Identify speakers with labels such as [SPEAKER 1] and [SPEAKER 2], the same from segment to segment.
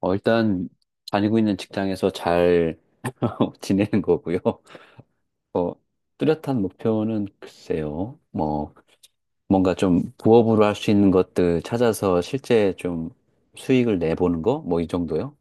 [SPEAKER 1] 일단 다니고 있는 직장에서 잘 지내는 거고요. 어, 뚜렷한 목표는 글쎄요. 뭐 뭔가 좀 부업으로 할 수 있는 것들 찾아서 실제 좀 수익을 내보는 거? 뭐 이 정도요?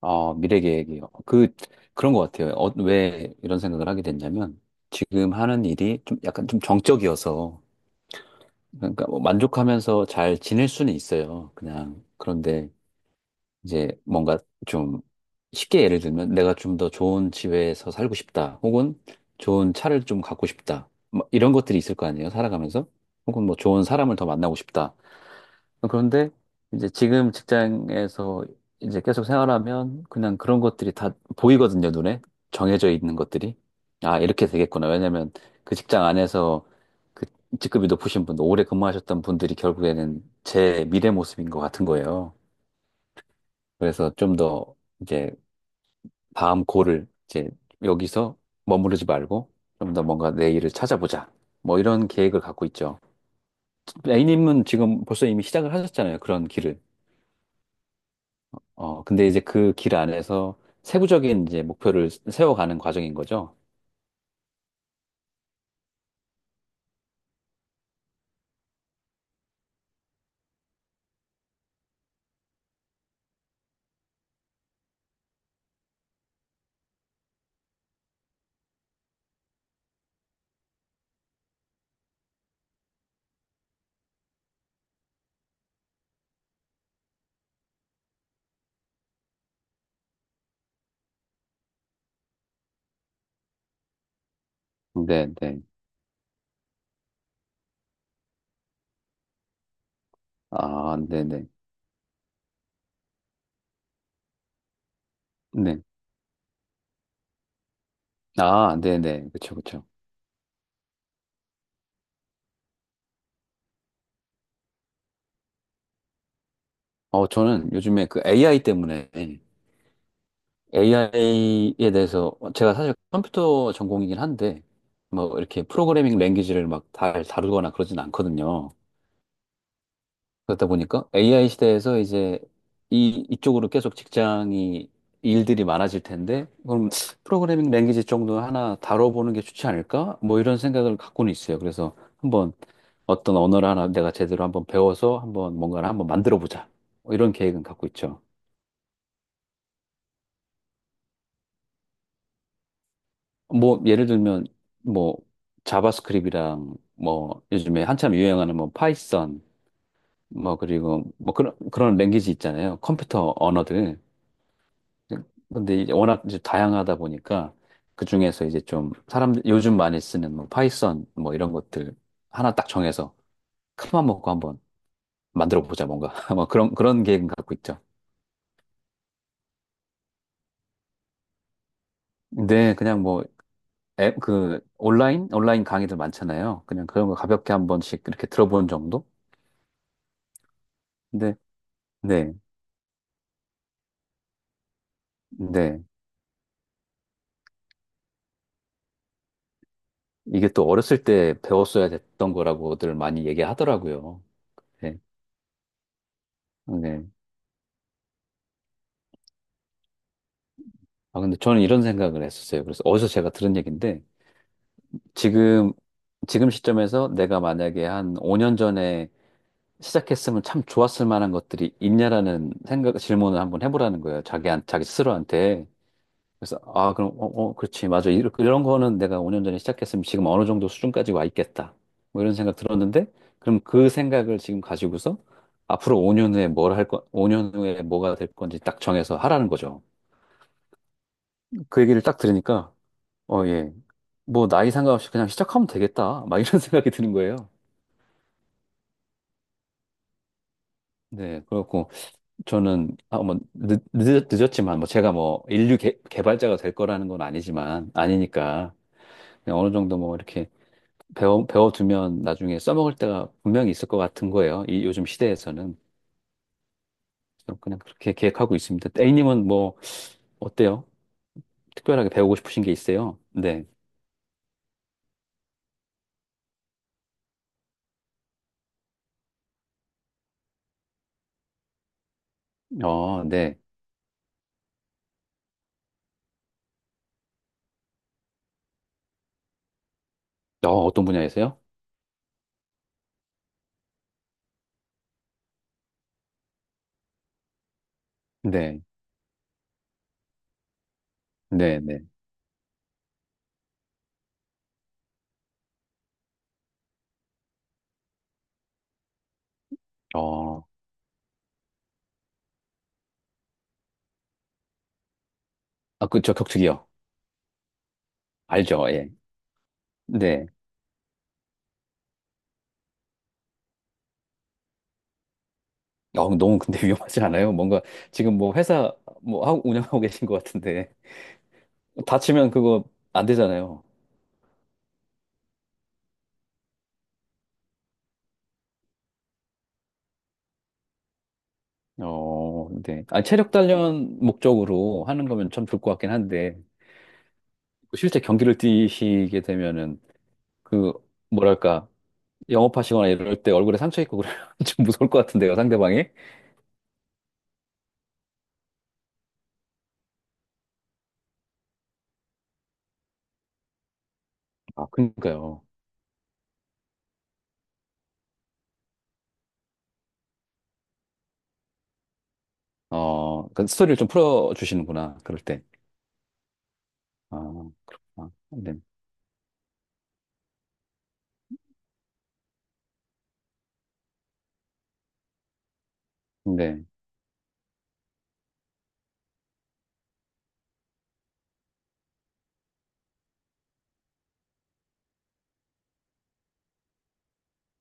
[SPEAKER 1] 미래 계획이요. 그런 것 같아요. 왜 이런 생각을 하게 됐냐면 지금 하는 일이 좀 약간 좀 정적이어서 그러니까 뭐 만족하면서 잘 지낼 수는 있어요. 그냥 그런데 이제 뭔가 좀 쉽게 예를 들면 내가 좀 더 좋은 집에서 살고 싶다. 혹은 좋은 차를 좀 갖고 싶다. 뭐 이런 것들이 있을 거 아니에요. 살아가면서. 혹은 뭐 좋은 사람을 더 만나고 싶다. 그런데 이제 지금 직장에서 이제 계속 생활하면 그냥 그런 것들이 다 보이거든요. 눈에. 정해져 있는 것들이. 아, 이렇게 되겠구나. 왜냐면 그 직장 안에서 그 직급이 높으신 분들, 오래 근무하셨던 분들이 결국에는 제 미래 모습인 것 같은 거예요. 그래서 좀 더 이제 다음 고를 이제 여기서 머무르지 말고 좀 더 뭔가 내 일을 찾아보자. 뭐 이런 계획을 갖고 있죠. A님은 지금 벌써 이미 시작을 하셨잖아요. 그런 길을. 근데 이제 그 길 안에서 세부적인 이제 목표를 세워가는 과정인 거죠. 네, 네. 아, 네, 네. 네. 아, 네, 네. 그쵸, 그쵸. 저는 요즘에 그 AI 때문에 AI에 대해서 제가 사실 컴퓨터 전공이긴 한데 뭐 이렇게 프로그래밍 랭귀지를 막 잘 다루거나 그러진 않거든요. 그렇다 보니까 AI 시대에서 이제 이 이쪽으로 계속 직장이 일들이 많아질 텐데 그럼 프로그래밍 랭귀지 정도 하나 다뤄보는 게 좋지 않을까? 뭐 이런 생각을 갖고는 있어요. 그래서 한번 어떤 언어를 하나 내가 제대로 한번 배워서 한번 뭔가를 한번 만들어 보자. 이런 계획은 갖고 있죠. 뭐 예를 들면 뭐 자바스크립이랑 뭐 요즘에 한참 유행하는 뭐 파이썬 뭐 그리고 뭐 그런 랭귀지 있잖아요. 컴퓨터 언어들. 근데 이제 워낙 이제 다양하다 보니까 그 중에서 이제 좀 사람 요즘 많이 쓰는 뭐 파이썬 뭐 이런 것들 하나 딱 정해서 큰맘 먹고 한번 만들어 보자 뭔가 뭐 그런 계획은 갖고 있죠. 네 그냥 뭐 앱 그 온라인 강의들 많잖아요. 그냥 그런 거 가볍게 한 번씩 이렇게 들어보는 정도? 근데 네. 네. 이게 또 어렸을 때 배웠어야 됐던 거라고들 많이 얘기하더라고요. 네. 네. 아, 근데 저는 이런 생각을 했었어요. 그래서 어디서 제가 들은 얘기인데, 지금, 지금 시점에서 내가 만약에 한 5년 전에 시작했으면 참 좋았을 만한 것들이 있냐라는 생각, 질문을 한번 해보라는 거예요. 자기 스스로한테. 그래서 아 그럼 어 그렇지 맞아 이런 런 거는 내가 5년 전에 시작했으면 지금 어느 정도 수준까지 와 있겠다 뭐 이런 생각 들었는데 그럼 그 생각을 지금 가지고서 앞으로 5년 후에 뭘 할 거, 5년 후에 뭐가 될 건지 딱 정해서 하라는 거죠. 그 얘기를 딱 들으니까 어 예 뭐 나이 상관없이 그냥 시작하면 되겠다 막 이런 생각이 드는 거예요. 네 그렇고 저는 아뭐 늦었지만 뭐 제가 뭐 인류 개발자가 될 거라는 건 아니지만 아니니까 그냥 어느 정도 뭐 이렇게 배워두면 나중에 써먹을 때가 분명히 있을 것 같은 거예요. 이 요즘 시대에서는. 그럼 그냥 그렇게 계획하고 있습니다. A님은 뭐, 어때요? 특별하게 배우고 싶으신 게 있어요? 네. 네. 어떤 분야에서요? 네. 네, 네. 어, 아, 저 격투기요. 알죠, 예. 네. 너무 근데 위험하지 않아요? 뭔가 지금 뭐 회사 뭐 하고 운영하고 계신 것 같은데. 다치면 그거 안 되잖아요. 어, 네. 아, 체력 단련 목적으로 하는 거면 참 좋을 것 같긴 한데. 실제 경기를 뛰시게 되면은 그 뭐랄까 영업하시거나 이럴 때 얼굴에 상처 있고 그러면 좀 무서울 것 같은데요, 상대방이. 아, 그러니까요. 어, 그 스토리를 좀 풀어주시는구나, 그럴 때. 아, 그렇구나. 네. 네.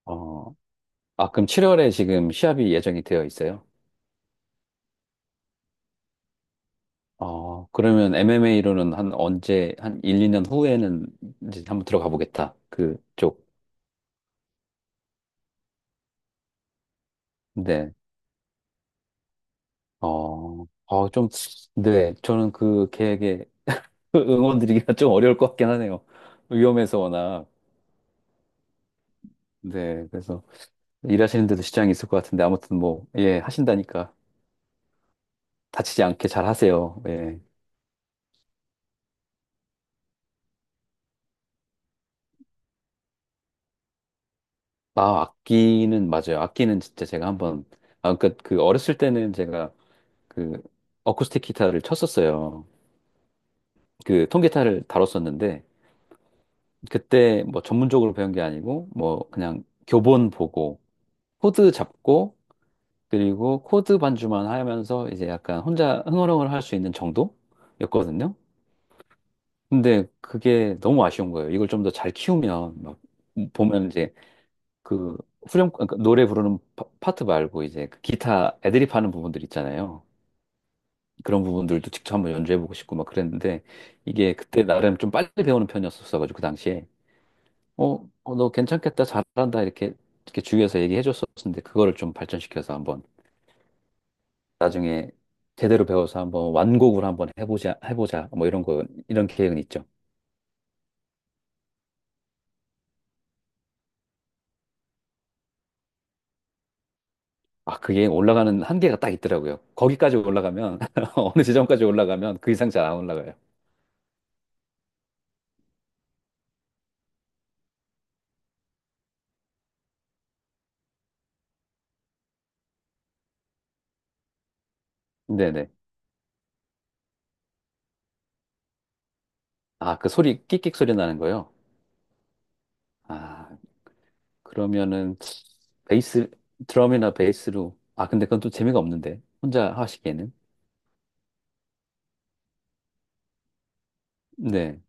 [SPEAKER 1] 어, 아, 그럼 7월에 지금 시합이 예정이 되어 있어요? 어, 그러면 MMA로는 한 언제, 한 1, 2년 후에는 이제 한번 들어가 보겠다. 그쪽. 네. 좀, 네. 저는 그 계획에 응원드리기가 좀 어려울 것 같긴 하네요. 위험해서 워낙. 네, 그래서 일하시는데도 지장이 있을 것 같은데 아무튼 뭐, 예, 하신다니까 다치지 않게 잘 하세요. 예. 아, 악기는 맞아요. 악기는 진짜 제가 한번 아, 그러니까 그 어렸을 때는 제가 그 어쿠스틱 기타를 쳤었어요. 그 통기타를 다뤘었는데 그때 뭐 전문적으로 배운 게 아니고 뭐 그냥 교본 보고 코드 잡고 그리고 코드 반주만 하면서 이제 약간 혼자 흥얼흥얼 할 수 있는 정도였거든요. 근데 그게 너무 아쉬운 거예요. 이걸 좀 더 잘 키우면 막 보면 이제 그 후렴 그러니까 노래 부르는 파트 말고 이제 그 기타 애드립 하는 부분들 있잖아요. 그런 부분들도 직접 한번 연주해보고 싶고 막 그랬는데 이게 그때 나름 좀 빨리 배우는 편이었었어가지고 그 당시에 너 괜찮겠다 잘한다 이렇게 주위에서 얘기해줬었는데 그거를 좀 발전시켜서 한번 나중에 제대로 배워서 한번 완곡을 한번 해보자. 뭐 이런 계획은 있죠. 아, 그게 올라가는 한계가 딱 있더라고요. 거기까지 올라가면, 어느 지점까지 올라가면 그 이상 잘 안 올라가요. 네네. 아, 그 소리, 끽끽 소리 나는 거요? 아, 그러면은, 베이스, 드럼이나 베이스로. 아, 근데 그건 또 재미가 없는데. 혼자 하시기에는. 네.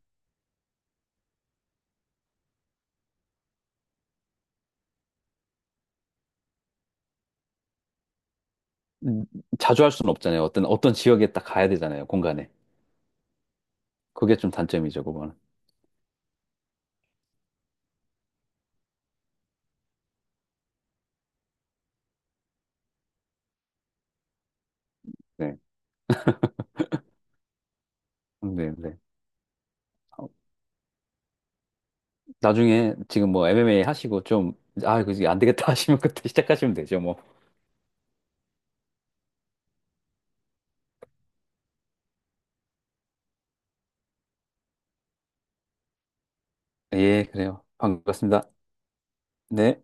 [SPEAKER 1] 음, 자주 할 수는 없잖아요. 어떤 지역에 딱 가야 되잖아요. 공간에. 그게 좀 단점이죠, 그거는. 네. 네, 네. 나중에 지금 뭐 MMA 하시고 좀, 아, 이거 안 되겠다 하시면 그때 시작하시면 되죠, 뭐. 예, 그래요. 반갑습니다. 네.